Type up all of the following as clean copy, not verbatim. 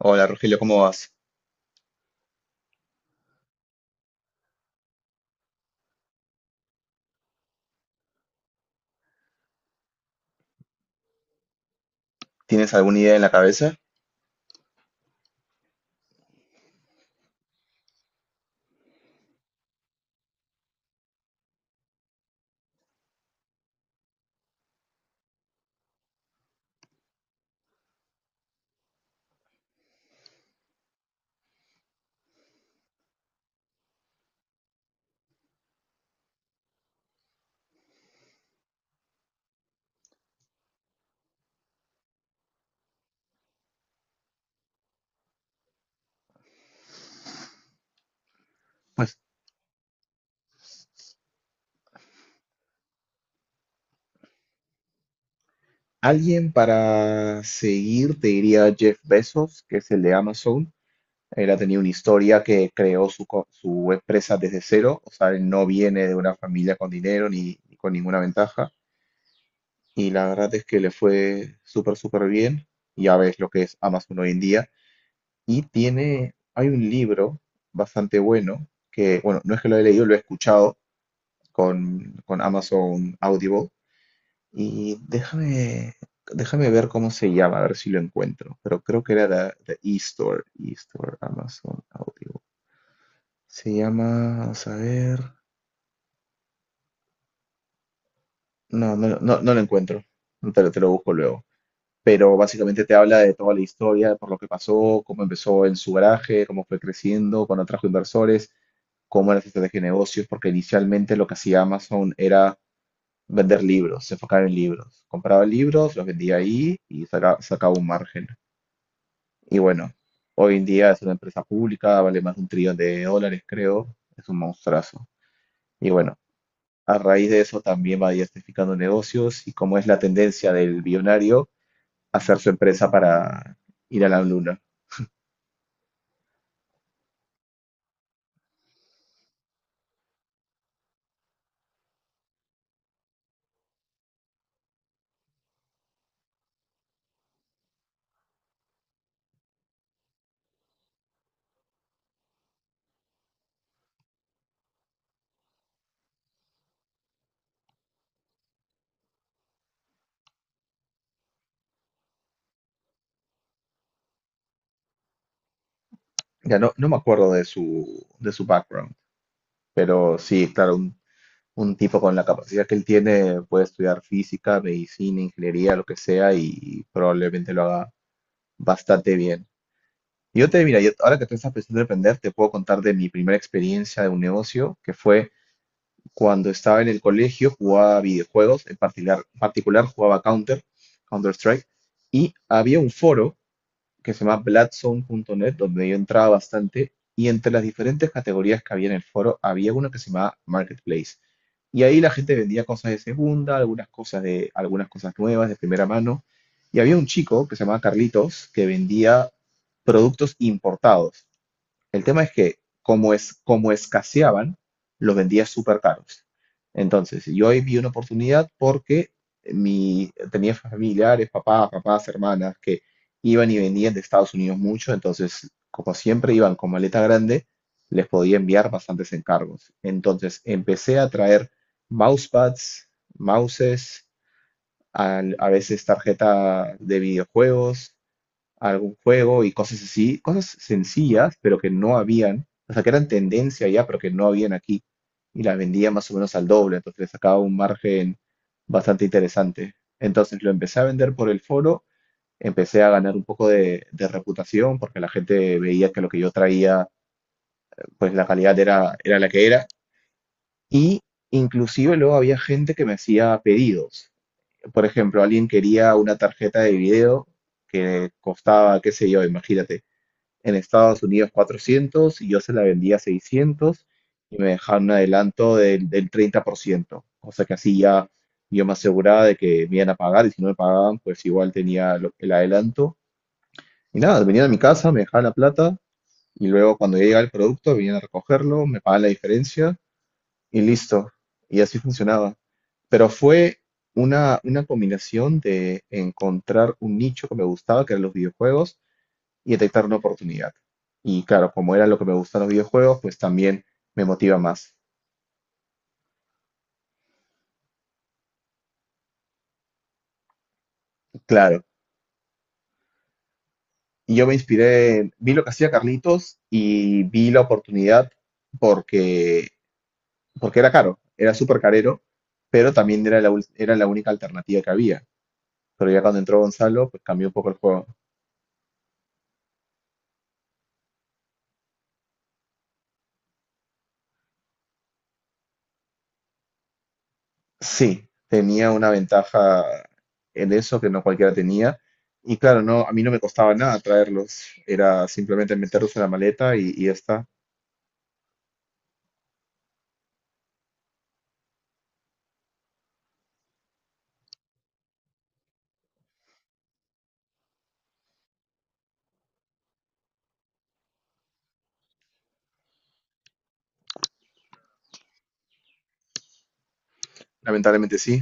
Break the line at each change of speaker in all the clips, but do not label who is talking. Hola Rogelio, ¿cómo vas? ¿Tienes alguna idea en la cabeza? Pues alguien para seguir te diría Jeff Bezos, que es el de Amazon. Él ha tenido una historia que creó su empresa desde cero, o sea, él no viene de una familia con dinero ni con ninguna ventaja. Y la verdad es que le fue súper, súper bien. Ya ves lo que es Amazon hoy en día. Y tiene, hay un libro bastante bueno, que, bueno, no es que lo he leído, lo he escuchado con Amazon Audible. Y déjame ver cómo se llama, a ver si lo encuentro. Pero creo que era la eStore Amazon Audio. Se llama, vamos a ver. No, no, no lo encuentro. Te lo busco luego. Pero básicamente te habla de toda la historia, por lo que pasó, cómo empezó en su garaje, cómo fue creciendo, cuando trajo inversores, cómo era su estrategia de negocios, porque inicialmente lo que hacía Amazon era vender libros, se enfocaba en libros. Compraba libros, los vendía ahí y sacaba un margen. Y bueno, hoy en día es una empresa pública, vale más de un trillón de dólares, creo. Es un monstruazo. Y bueno, a raíz de eso también va diversificando negocios y, como es la tendencia del billonario, hacer su empresa para ir a la luna. Ya no me acuerdo de su background. Pero sí, claro, un tipo con la capacidad que él tiene puede estudiar física, medicina, ingeniería, lo que sea, y probablemente lo haga bastante bien. Mira, ahora que tú estás pensando en emprender, te puedo contar de mi primera experiencia de un negocio, que fue cuando estaba en el colegio, jugaba videojuegos, en particular, jugaba Counter-Strike, y había un foro que se llama Bladzone.net, donde yo entraba bastante, y entre las diferentes categorías que había en el foro había una que se llamaba Marketplace. Y ahí la gente vendía cosas de segunda, algunas cosas nuevas de primera mano, y había un chico que se llamaba Carlitos que vendía productos importados. El tema es que como escaseaban, los vendía súper caros. Entonces, yo ahí vi una oportunidad porque tenía familiares, papás, hermanas que iban y venían de Estados Unidos mucho. Entonces, como siempre iban con maleta grande, les podía enviar bastantes encargos. Entonces, empecé a traer mousepads, mouses, a veces tarjeta de videojuegos, algún juego y cosas así, cosas sencillas, pero que no habían, o sea, que eran tendencia ya, pero que no habían aquí, y las vendía más o menos al doble. Entonces le sacaba un margen bastante interesante. Entonces lo empecé a vender por el foro, empecé a ganar un poco de reputación, porque la gente veía que lo que yo traía, pues la calidad era la que era, y inclusive luego había gente que me hacía pedidos. Por ejemplo, alguien quería una tarjeta de video que costaba, qué sé yo, imagínate en Estados Unidos 400, y yo se la vendía a 600 y me dejaban un adelanto del 30%, cosa que así ya yo me aseguraba de que me iban a pagar, y si no me pagaban, pues igual tenía el adelanto. Y nada, venían a mi casa, me dejaban la plata, y luego, cuando ya llegaba el producto, venían a recogerlo, me pagaban la diferencia y listo. Y así funcionaba. Pero fue una combinación de encontrar un nicho que me gustaba, que eran los videojuegos, y detectar una oportunidad. Y claro, como era lo que me gustan los videojuegos, pues también me motiva más. Claro, y yo me inspiré, vi lo que hacía Carlitos y vi la oportunidad porque, porque era caro, era súper carero, pero también era era la única alternativa que había. Pero ya cuando entró Gonzalo, pues cambió un poco el juego. Sí, tenía una ventaja en eso que no cualquiera tenía. Y claro, no, a mí no me costaba nada traerlos, era simplemente meterlos en la maleta y ya está. Lamentablemente sí.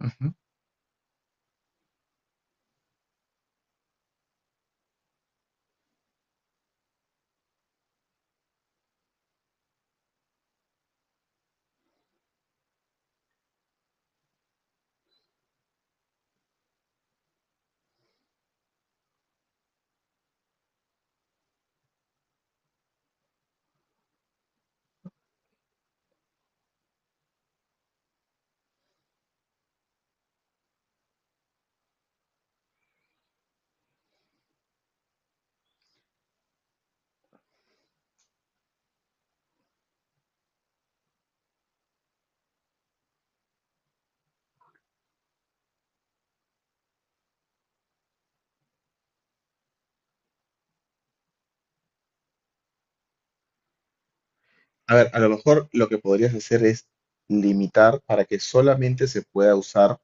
Ujú. A ver, a lo mejor lo que podrías hacer es limitar para que solamente se pueda usar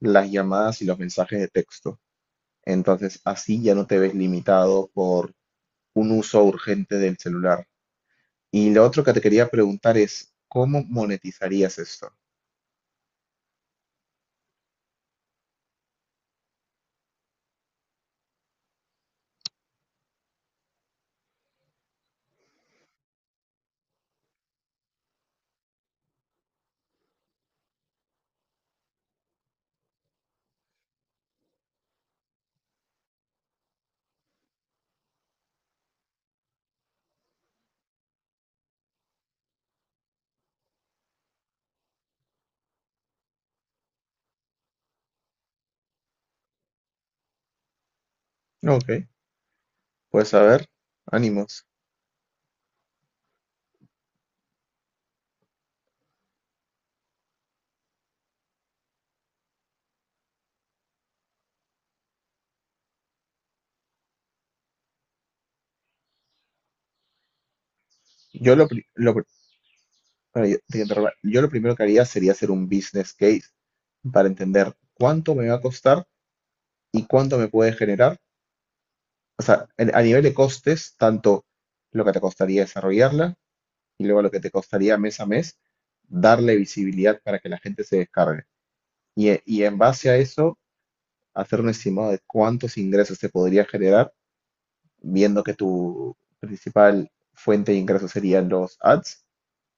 las llamadas y los mensajes de texto. Entonces, así ya no te ves limitado por un uso urgente del celular. Y lo otro que te quería preguntar es, ¿cómo monetizarías esto? Ok, pues a ver, ánimos. Yo lo pri- bueno, yo te interrumpo. Yo lo primero que haría sería hacer un business case para entender cuánto me va a costar y cuánto me puede generar. O sea, a nivel de costes, tanto lo que te costaría desarrollarla y luego lo que te costaría mes a mes darle visibilidad para que la gente se descargue. Y en base a eso, hacer un estimado de cuántos ingresos se podría generar, viendo que tu principal fuente de ingresos serían los ads.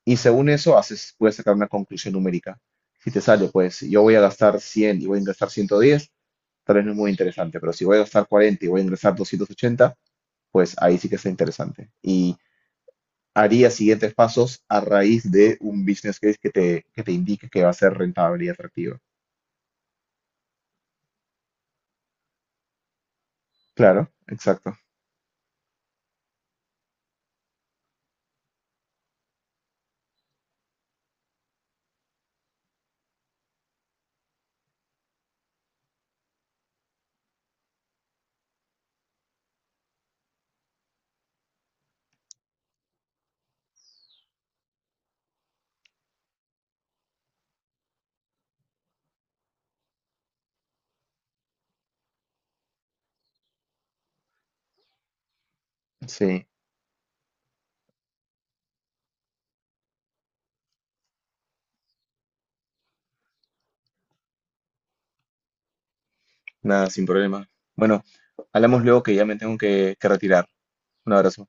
Y según eso, haces, puedes sacar una conclusión numérica. Si te sale, pues yo voy a gastar 100 y voy a ingresar 110, tal vez no es muy interesante, pero si voy a gastar 40 y voy a ingresar 280, pues ahí sí que está interesante. Y haría siguientes pasos a raíz de un business case que te indique que va a ser rentable y atractivo. Claro, exacto. Sí, nada, sin problema. Bueno, hablamos luego que ya me tengo que retirar. Un abrazo.